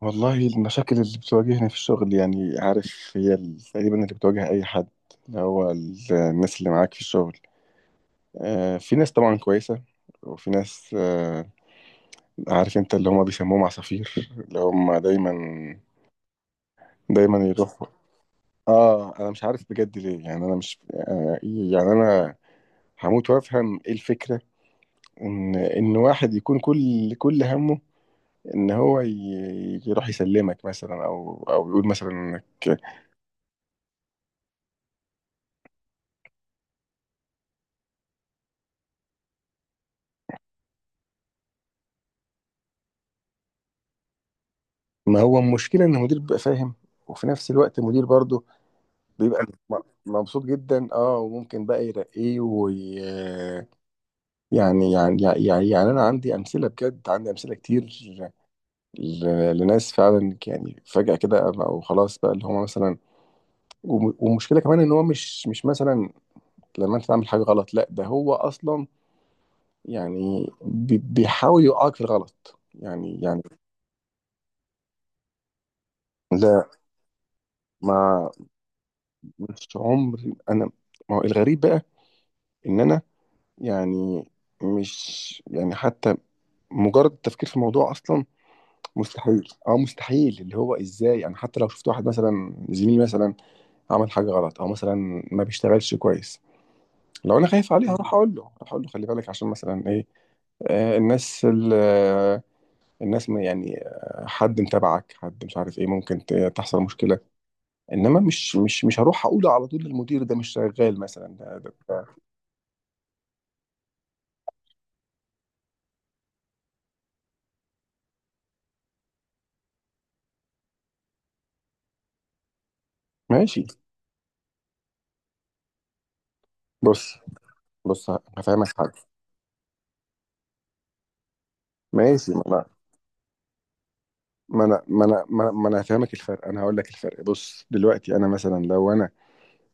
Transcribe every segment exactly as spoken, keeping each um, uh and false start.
والله المشاكل اللي بتواجهني في الشغل، يعني عارف، هي ال- تقريبا اللي بتواجه أي حد، اللي هو ال- الناس اللي معاك في الشغل. آه، في ناس طبعا كويسة، وفي ناس آه، عارف انت اللي هم بيسموهم عصافير، اللي هم دايما دايما يروحوا. اه انا مش عارف بجد ليه، يعني انا مش آه إيه، يعني انا هموت وافهم ايه الفكرة، ان ان واحد يكون كل كل همه ان هو ي- يروح يسلمك مثلا او او يقول مثلا. ما هو المشكلة إن المدير بيبقى فاهم، وفي نفس الوقت المدير برضه بيبقى م- مبسوط جدا، اه، وممكن بقى يرقيه وي... يعني يعني يعني يعني يعني انا عندي امثله بجد، عندي امثله كتير ل... لناس فعلا، يعني فجاه كده، او خلاص بقى اللي هم مثلا. وم... ومشكله كمان ان هو مش مش مثلا لما انت تعمل حاجه غلط، لا ده هو اصلا يعني بي... بيحاول يوقعك في الغلط. يعني يعني لا. ما مش عمري انا. ما هو الغريب بقى ان انا، يعني مش، يعني حتى مجرد التفكير في الموضوع اصلا مستحيل. اه مستحيل. اللي هو ازاي انا حتى لو شفت واحد مثلا، زميلي مثلا، عمل حاجه غلط او مثلا ما بيشتغلش كويس، لو انا خايف عليه هروح اقول له، هروح اقول له خلي بالك، عشان مثلا ايه، آه الناس ال- آه، الناس، ما يعني آه، حد متابعك، حد مش عارف ايه، ممكن ت- تحصل مشكله. انما مش مش مش هروح اقوله على طول للمدير ده مش شغال مثلا، ده ده ده- ماشي. بص. بص هفهمك حاجه. ماشي. ما انا ما انا ما انا ما أنا هفهمك الفرق، انا هقول لك الفرق. بص دلوقتي انا مثلا، لو انا،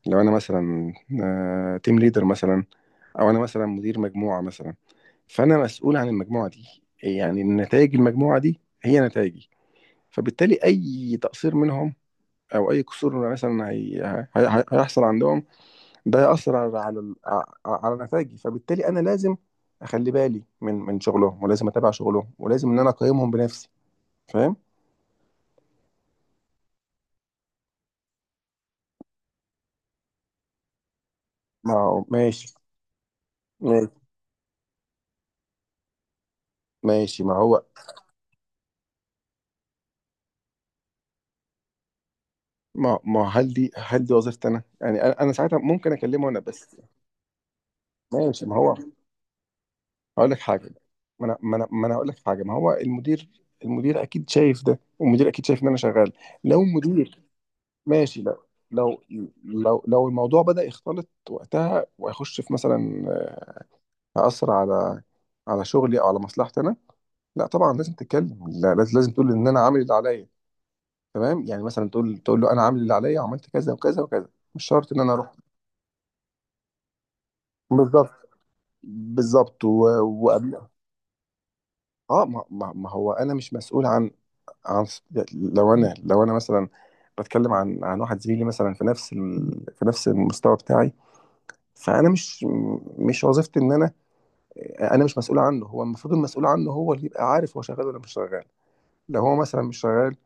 لو انا مثلا تيم ليدر مثلا، او انا مثلا مدير مجموعه مثلا، فانا مسؤول عن المجموعه دي، يعني نتائج المجموعه دي هي نتائجي. فبالتالي اي تقصير منهم، او اي قصور مثلا هي... هي... هي- هيحصل عندهم، ده هيأثر على على ال- ع- على نتائجي. فبالتالي انا لازم اخلي بالي من من شغلهم، ولازم اتابع شغلهم، ولازم ان انا اقيمهم بنفسي. فاهم؟ ما هو- ماشي. ماشي. ماشي ما هو. ما، ما هل دي، هل دي وظيفتي انا، يعني انا أنا ساعتها ممكن اكلمه انا بس. ماشي ما هو. هقول لك حاجه. ما انا ما انا ما انا هقول لك حاجه. ما هو المدير، المدير اكيد شايف ده، والمدير اكيد شايف ان انا شغال. لو مدير، ماشي لو، لو، لو لو الموضوع بدأ يختلط وقتها، وهيخش في مثلا، هأثر على، على شغلي، او على مصلحتي انا، لا طبعا لازم تتكلم. لا لازم، لازم تقول ان انا عامل اللي عليا، تمام، يعني مثلا تقول، تقول له انا عامل اللي عليا وعملت كذا وكذا وكذا. مش شرط ان انا اروح. بالظبط. بالظبط و- وقبل. اه ما, ما, ما هو انا مش مسؤول عن، عن، لو انا، لو انا مثلا بتكلم عن، عن واحد زميلي مثلا في نفس ال... في نفس المستوى بتاعي، فانا مش، مش وظيفتي ان انا، انا مش مسؤول عنه. هو المفروض المسؤول عنه هو اللي يبقى عارف هو شغال ولا مش شغال. لو هو مثلا مش شغال،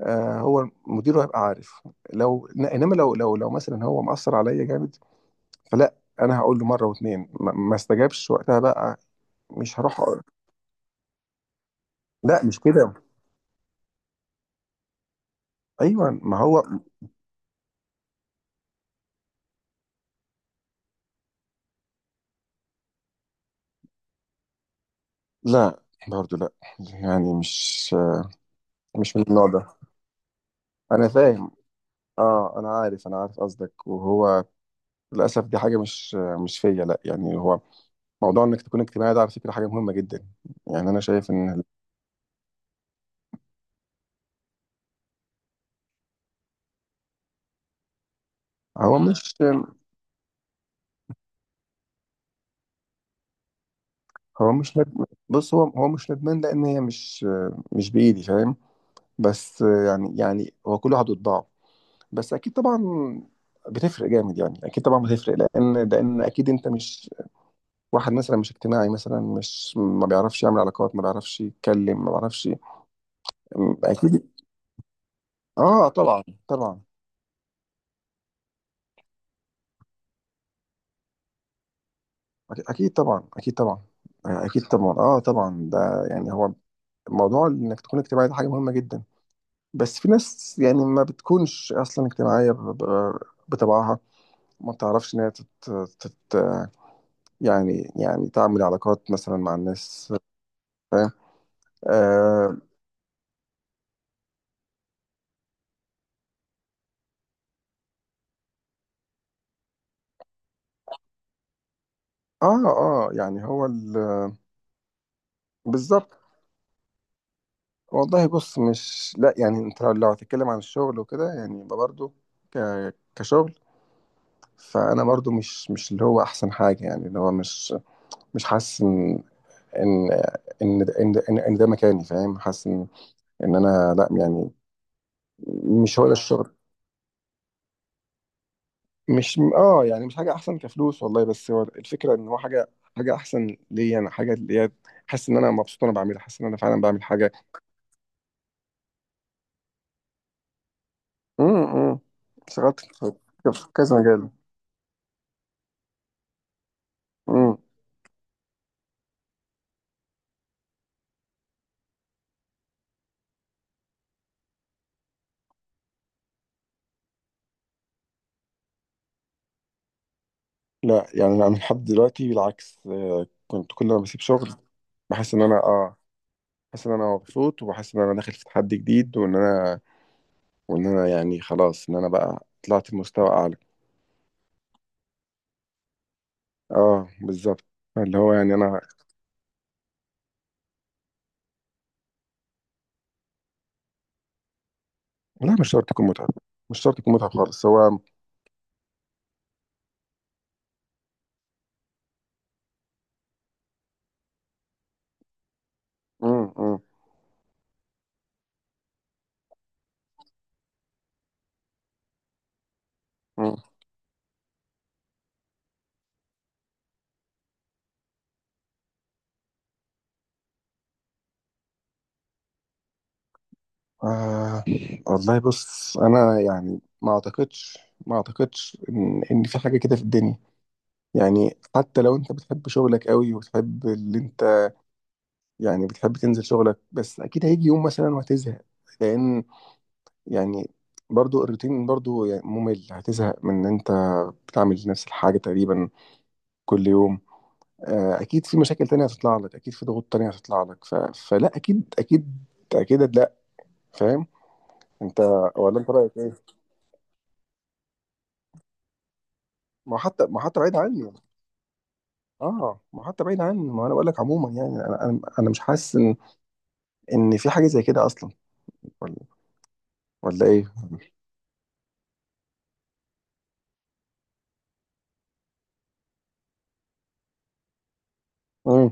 آه هو مديره هيبقى عارف. لو انما لو، لو لو مثلا هو مأثر عليا جامد، فلا، انا هقول له مره واتنين، ما, ما استجابش وقتها بقى، مش هروح أقول- لا مش كده. ايوه ما هو. لا، برضو لا، يعني مش، مش من النوع ده. انا فاهم. اه انا عارف، انا عارف قصدك، وهو للاسف دي حاجه مش مش فيا، لا يعني هو موضوع انك تكون اجتماعي ده على فكره حاجه مهمه جدا، يعني انا شايف ان، هو مش، هو مش ندمان. بص، هو، هو مش ندمان لان هي مش، مش بايدي، فاهم؟ بس يعني، يعني هو كل واحد وطباعه. بس اكيد طبعا بتفرق جامد، يعني اكيد طبعا بتفرق، لان لان اكيد انت مش، واحد مثلا مش اجتماعي مثلا، مش ما بيعرفش يعمل علاقات، ما بيعرفش يتكلم، ما بيعرفش. م- اكيد. اه طبعا. طبعا. أك- اكيد طبعا، اكيد طبعا، آه، اكيد طبعا، اه طبعا، ده يعني هو موضوع انك تكون اجتماعي ده حاجه مهمه جدا. بس في ناس يعني ما بتكونش اصلا اجتماعيه ب- ب- بطبعها، ما بتعرفش ان هي تت... تت... يعني، يعني تعمل علاقات مثلا مع الناس. فاهم. اه. اه آه، يعني هو ال... بالظبط. والله بص، مش لا يعني، انت لو، لو هتتكلم عن الشغل وكده، يعني يبقى برضه ك... كشغل، فانا برضه مش، مش اللي هو احسن حاجه، يعني اللي هو مش، مش حاسس ان، ان، ان ده- ان, ده- إن, إن ده مكاني، فاهم؟ حاسس ان، ان انا لا يعني. مش هو ده الشغل. مش، اه يعني مش حاجه احسن كفلوس والله، بس هو الفكره ان هو حاجه، حاجه احسن ليا انا، حاجه اللي هي حاسس ان انا مبسوط وانا بعملها، حاسس ان انا فعلا بعمل حاجه. امم. شغلت في، في كذا مجال. لا يعني انا لحد دلوقتي بالعكس، آه، كنت كل ما بسيب شغل بحس ان انا، اه بحس ان انا مبسوط، وبحس ان انا داخل في تحدي جديد، وان انا، وان انا يعني خلاص، ان انا بقى طلعت لمستوى اعلى. اه بالظبط. اللي هو يعني انا. لا مش شرط يكون متعب. مش شرط يكون متعب خالص. هو. مم. مم. مم. آه. والله بص انا يعني ما اعتقدش، ما اعتقدش ان، ان في حاجه كده في الدنيا. يعني حتى لو انت بتحب شغلك قوي، وتحب اللي انت، يعني بتحب تنزل شغلك، بس اكيد هيجي يوم مثلا وهتزهق، لان، يعني برضو الروتين برضو يعني ممل، هتزهق من ان انت بتعمل نفس الحاجة تقريبا كل يوم. آه، اكيد في مشاكل تانية هتطلع لك، اكيد في ضغوط تانية هتطلع لك ف... فلا اكيد، اكيد، اكيد لا. فاهم. انت، ولا انت رايك ايه؟ ما هو حتى، ما هو حتى بعيد عني. اه ما هو حتى بعيد عني، ما انا بقول لك عموما، يعني انا، انا أنا مش حاسس ان، ان في حاجة زي كده اصلا، ولا، ولا ايه؟ امم.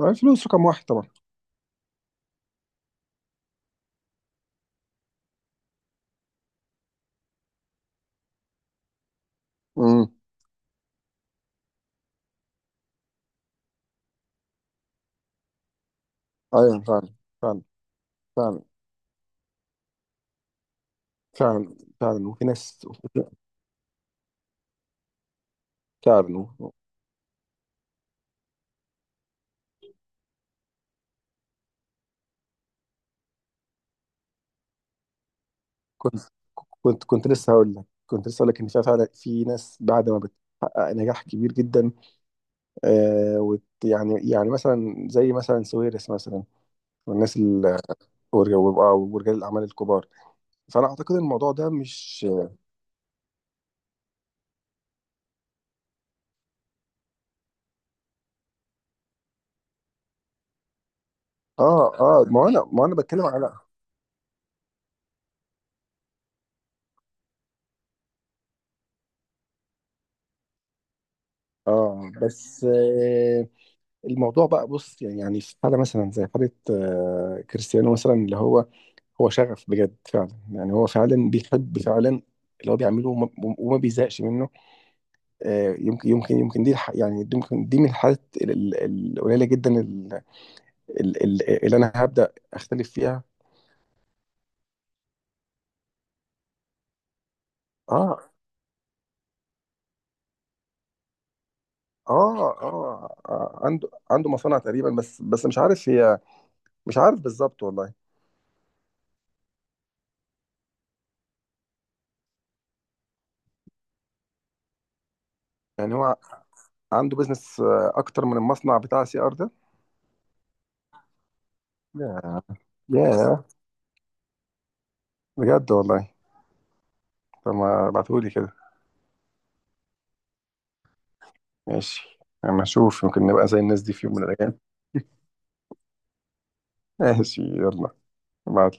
الفلوس رقم واحد طبعا. امم. ايوه فعلا. فعلا. فعلا. فعلا. فعلا وفي ناس فعلا و- كنت، كنت كنت لسه هقول لك، كنت لسه هقول لك ان في فعلا، في ناس بعد ما بتحقق نجاح كبير جدا، آه وت يعني، يعني مثلا زي مثلا سويرس مثلا، والناس ال- ورج- وبقى- ورجال الاعمال الكبار، فانا اعتقد الموضوع ده مش. اه اه ما انا، ما انا بتكلم على. اه بس آه الموضوع بقى، بص يعني، يعني في حاله مثلا زي حاله آه كريستيانو مثلا، اللي هو، هو شغف بجد فعلا، يعني هو فعلا بيحب فعلا اللي هو بيعمله، وما, وما بيزهقش منه. آه، يمكن، يمكن، يمكن دي الح- يعني دي، يمكن دي من الحالات ال- ال- القليله جدا، ال- ال- ال- اللي انا هبدا اختلف فيها. اه. اه. اه آه، عنده، عنده مصانع تقريبا، بس بس مش عارف هي، مش عارف بالظبط والله. يعني هو عنده بيزنس آه، اكتر من المصنع بتاع سي ار ده. يا، يا، بجد والله، طب ما ابعتهولي كده. ماشي. اما اشوف، يمكن نبقى زي الناس دي في يوم من الايام. ماشي يلا. مع